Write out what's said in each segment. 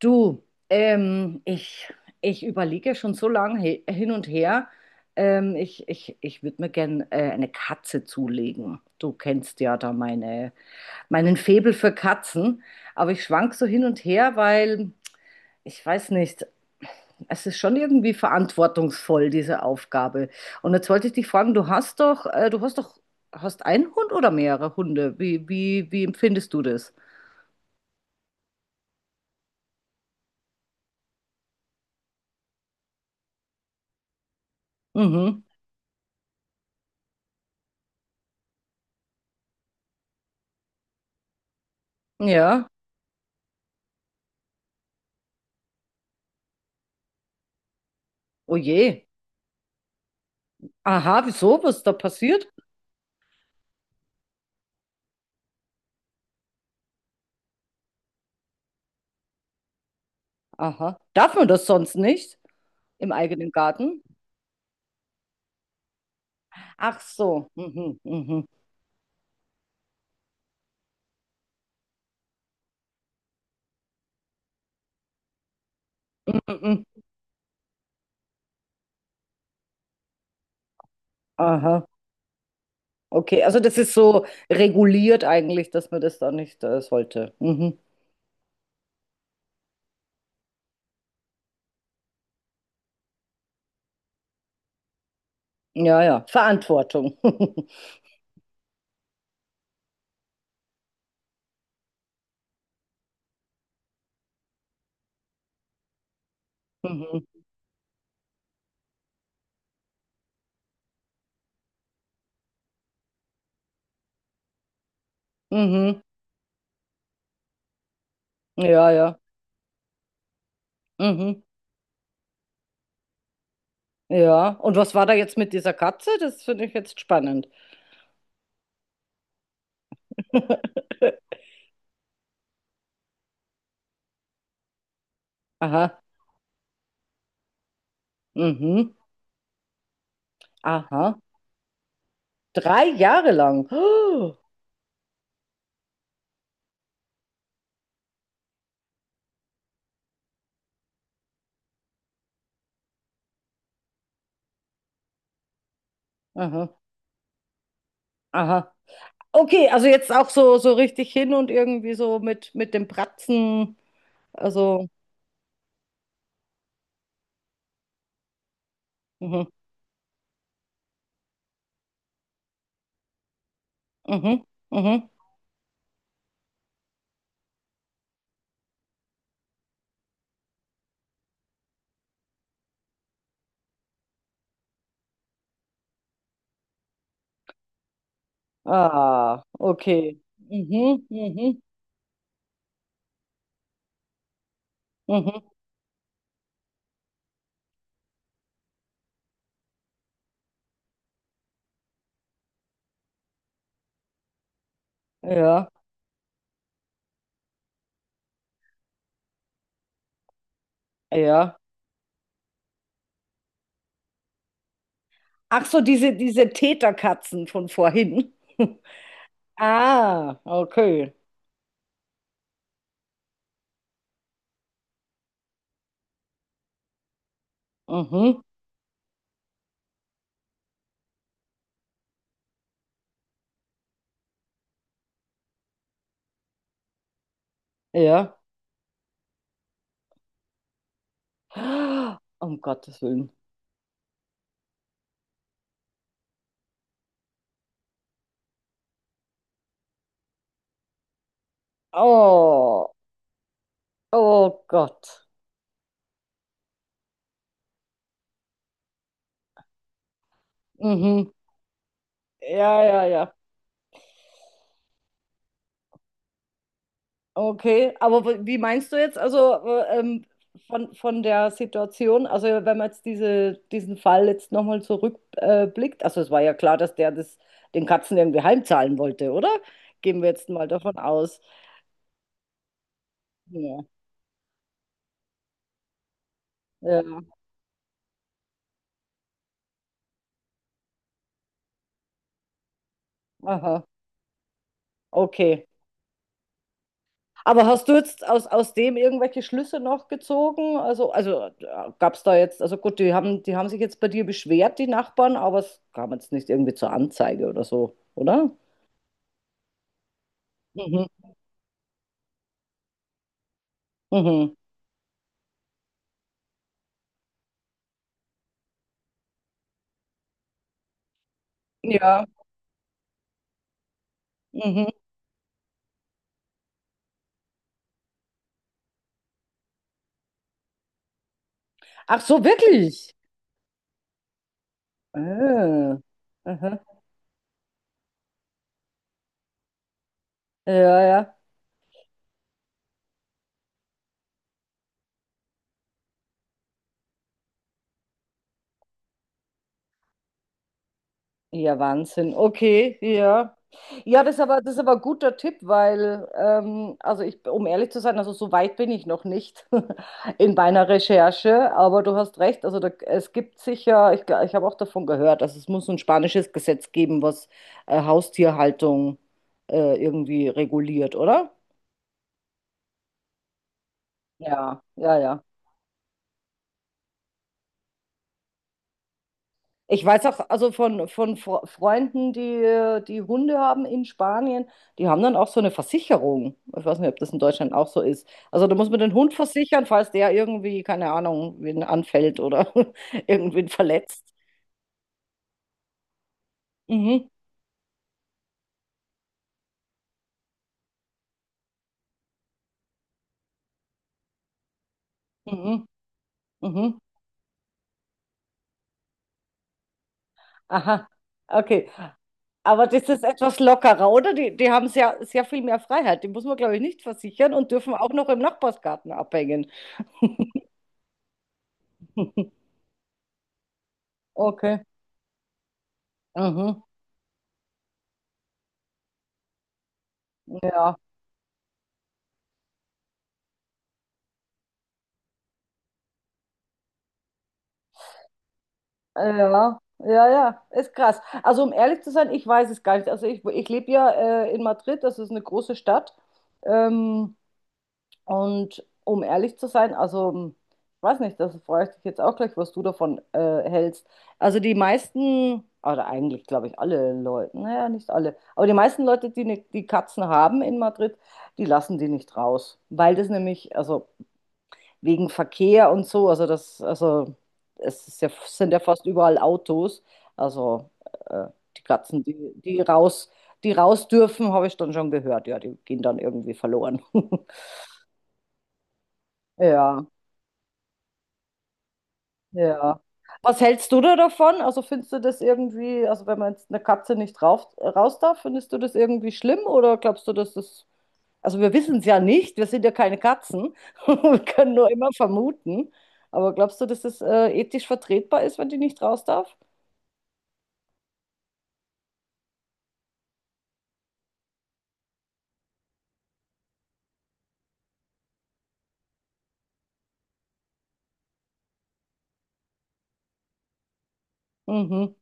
Du, ich überlege schon so lange hin und her. Ich würde mir gern eine Katze zulegen. Du kennst ja da meinen Faible für Katzen. Aber ich schwank so hin und her, weil ich weiß nicht, es ist schon irgendwie verantwortungsvoll, diese Aufgabe. Und jetzt wollte ich dich fragen, du hast doch, hast einen Hund oder mehrere Hunde? Wie empfindest du das? Mhm. Ja. Oh je. Aha, wieso? Was ist da passiert? Aha. Darf man das sonst nicht im eigenen Garten? Ach so. Mhm, mhm. Aha. Okay, also das ist so reguliert eigentlich, dass man das da nicht sollte. Mhm. Ja, ja. Verantwortung. Mhm. Mhm. Ja, ja. Mhm. Ja. Und was war da jetzt mit dieser Katze? Das finde ich jetzt spannend. Aha. Mhm. Aha. Drei Jahre lang. Oh. Aha. Aha. Okay, also jetzt auch so, so richtig hin und irgendwie so mit dem Bratzen. Also, mhm, mhm, mhm. Ah, okay. Mhm, mhm. Ja, ja. Ach so, diese Täterkatzen von vorhin. Ah, okay. Mhm, ja. Um Gottes Willen. Oh, oh Gott. Mhm. Ja, ja, ja. Okay, aber wie meinst du jetzt also von der Situation, also wenn man jetzt diesen Fall jetzt nochmal zurückblickt, also es war ja klar, dass der das den Katzen irgendwie heimzahlen wollte, oder? Gehen wir jetzt mal davon aus. Ja, ja, aha, okay. Aber hast du jetzt aus dem irgendwelche Schlüsse noch gezogen? Also gab es da jetzt, also gut, die haben sich jetzt bei dir beschwert, die Nachbarn, aber es kam jetzt nicht irgendwie zur Anzeige oder so, oder? Mhm, mhm. Ja. Mhm. Ach so, wirklich? Ah, aha. Ja, ja. Ja, Wahnsinn. Okay, ja. Das ist aber ein guter Tipp, weil, also ich, um ehrlich zu sein, also so weit bin ich noch nicht in meiner Recherche, aber du hast recht, es gibt sicher, ich habe auch davon gehört, also es muss ein spanisches Gesetz geben, was Haustierhaltung irgendwie reguliert, oder? Ja, ja, ja. Ich weiß auch, also von Freunden, die Hunde haben in Spanien, die haben dann auch so eine Versicherung. Ich weiß nicht, ob das in Deutschland auch so ist. Also da muss man den Hund versichern, falls der irgendwie, keine Ahnung, wen anfällt oder irgendwen verletzt. Mhm, mhm, mhm. Aha, okay. Aber das ist etwas lockerer, oder? Die haben sehr, sehr viel mehr Freiheit. Die muss man, glaube ich, nicht versichern und dürfen auch noch im Nachbarsgarten abhängen. Okay. Mhm. Ja. Ja, ja, ja, ist krass. Also um ehrlich zu sein, ich weiß es gar nicht. Ich lebe ja in Madrid, das ist eine große Stadt. Ähm, und um ehrlich zu sein, ich weiß nicht, das frage ich dich jetzt auch gleich, was du davon hältst. Also die meisten, oder eigentlich glaube ich alle Leute, naja, nicht alle, aber die meisten Leute, die Katzen haben in Madrid, die lassen die nicht raus, weil das nämlich, also wegen Verkehr und so. Also es ist ja, sind ja fast überall Autos. Also äh, die Katzen, die raus dürfen, habe ich dann schon gehört. Ja, die gehen dann irgendwie verloren. Ja, ja. Was hältst du da davon? Also findest du das irgendwie, also wenn man jetzt eine Katze nicht rauf, raus darf, findest du das irgendwie schlimm oder glaubst du, dass das. Also wir wissen es ja nicht, wir sind ja keine Katzen. Wir können nur immer vermuten. Aber glaubst du, dass das ethisch vertretbar ist, wenn die nicht raus darf? Mhm.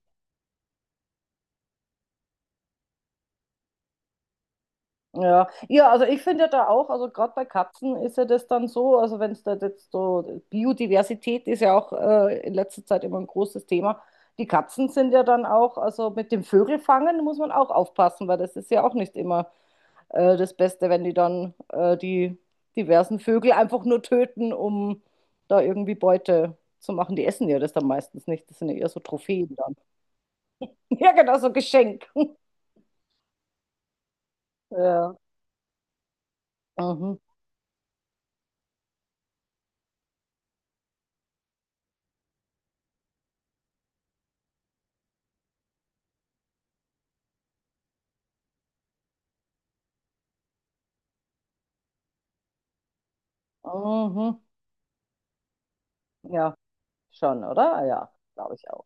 Ja. Ja, also ich finde ja da auch, also gerade bei Katzen ist ja das dann so, also wenn es da jetzt so, Biodiversität ist ja auch in letzter Zeit immer ein großes Thema. Die Katzen sind ja dann auch, also mit dem Vögelfangen muss man auch aufpassen, weil das ist ja auch nicht immer das Beste, wenn die dann die diversen Vögel einfach nur töten, um da irgendwie Beute zu machen. Die essen ja das dann meistens nicht. Das sind ja eher so Trophäen dann. Ja, genau, so Geschenk. Ja. Mhm. Mhm. Ja, schon, oder? Ah, ja, glaube ich auch.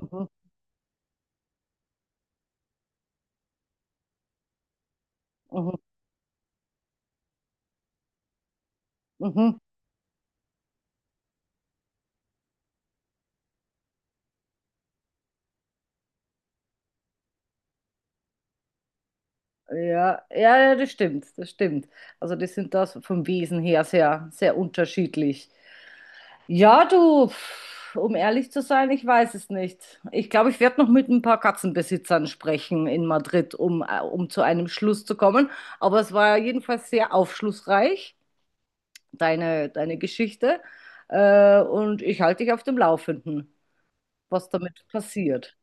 Mhm. Mhm. Mhm. Ja, ja, ja, das stimmt, das stimmt. Also die sind das vom Wesen her sehr, sehr unterschiedlich. Ja, du, pf, um ehrlich zu sein, ich weiß es nicht. Ich glaube, ich werde noch mit ein paar Katzenbesitzern sprechen in Madrid, um, um zu einem Schluss zu kommen. Aber es war jedenfalls sehr aufschlussreich, deine Geschichte. Und ich halte dich auf dem Laufenden, was damit passiert.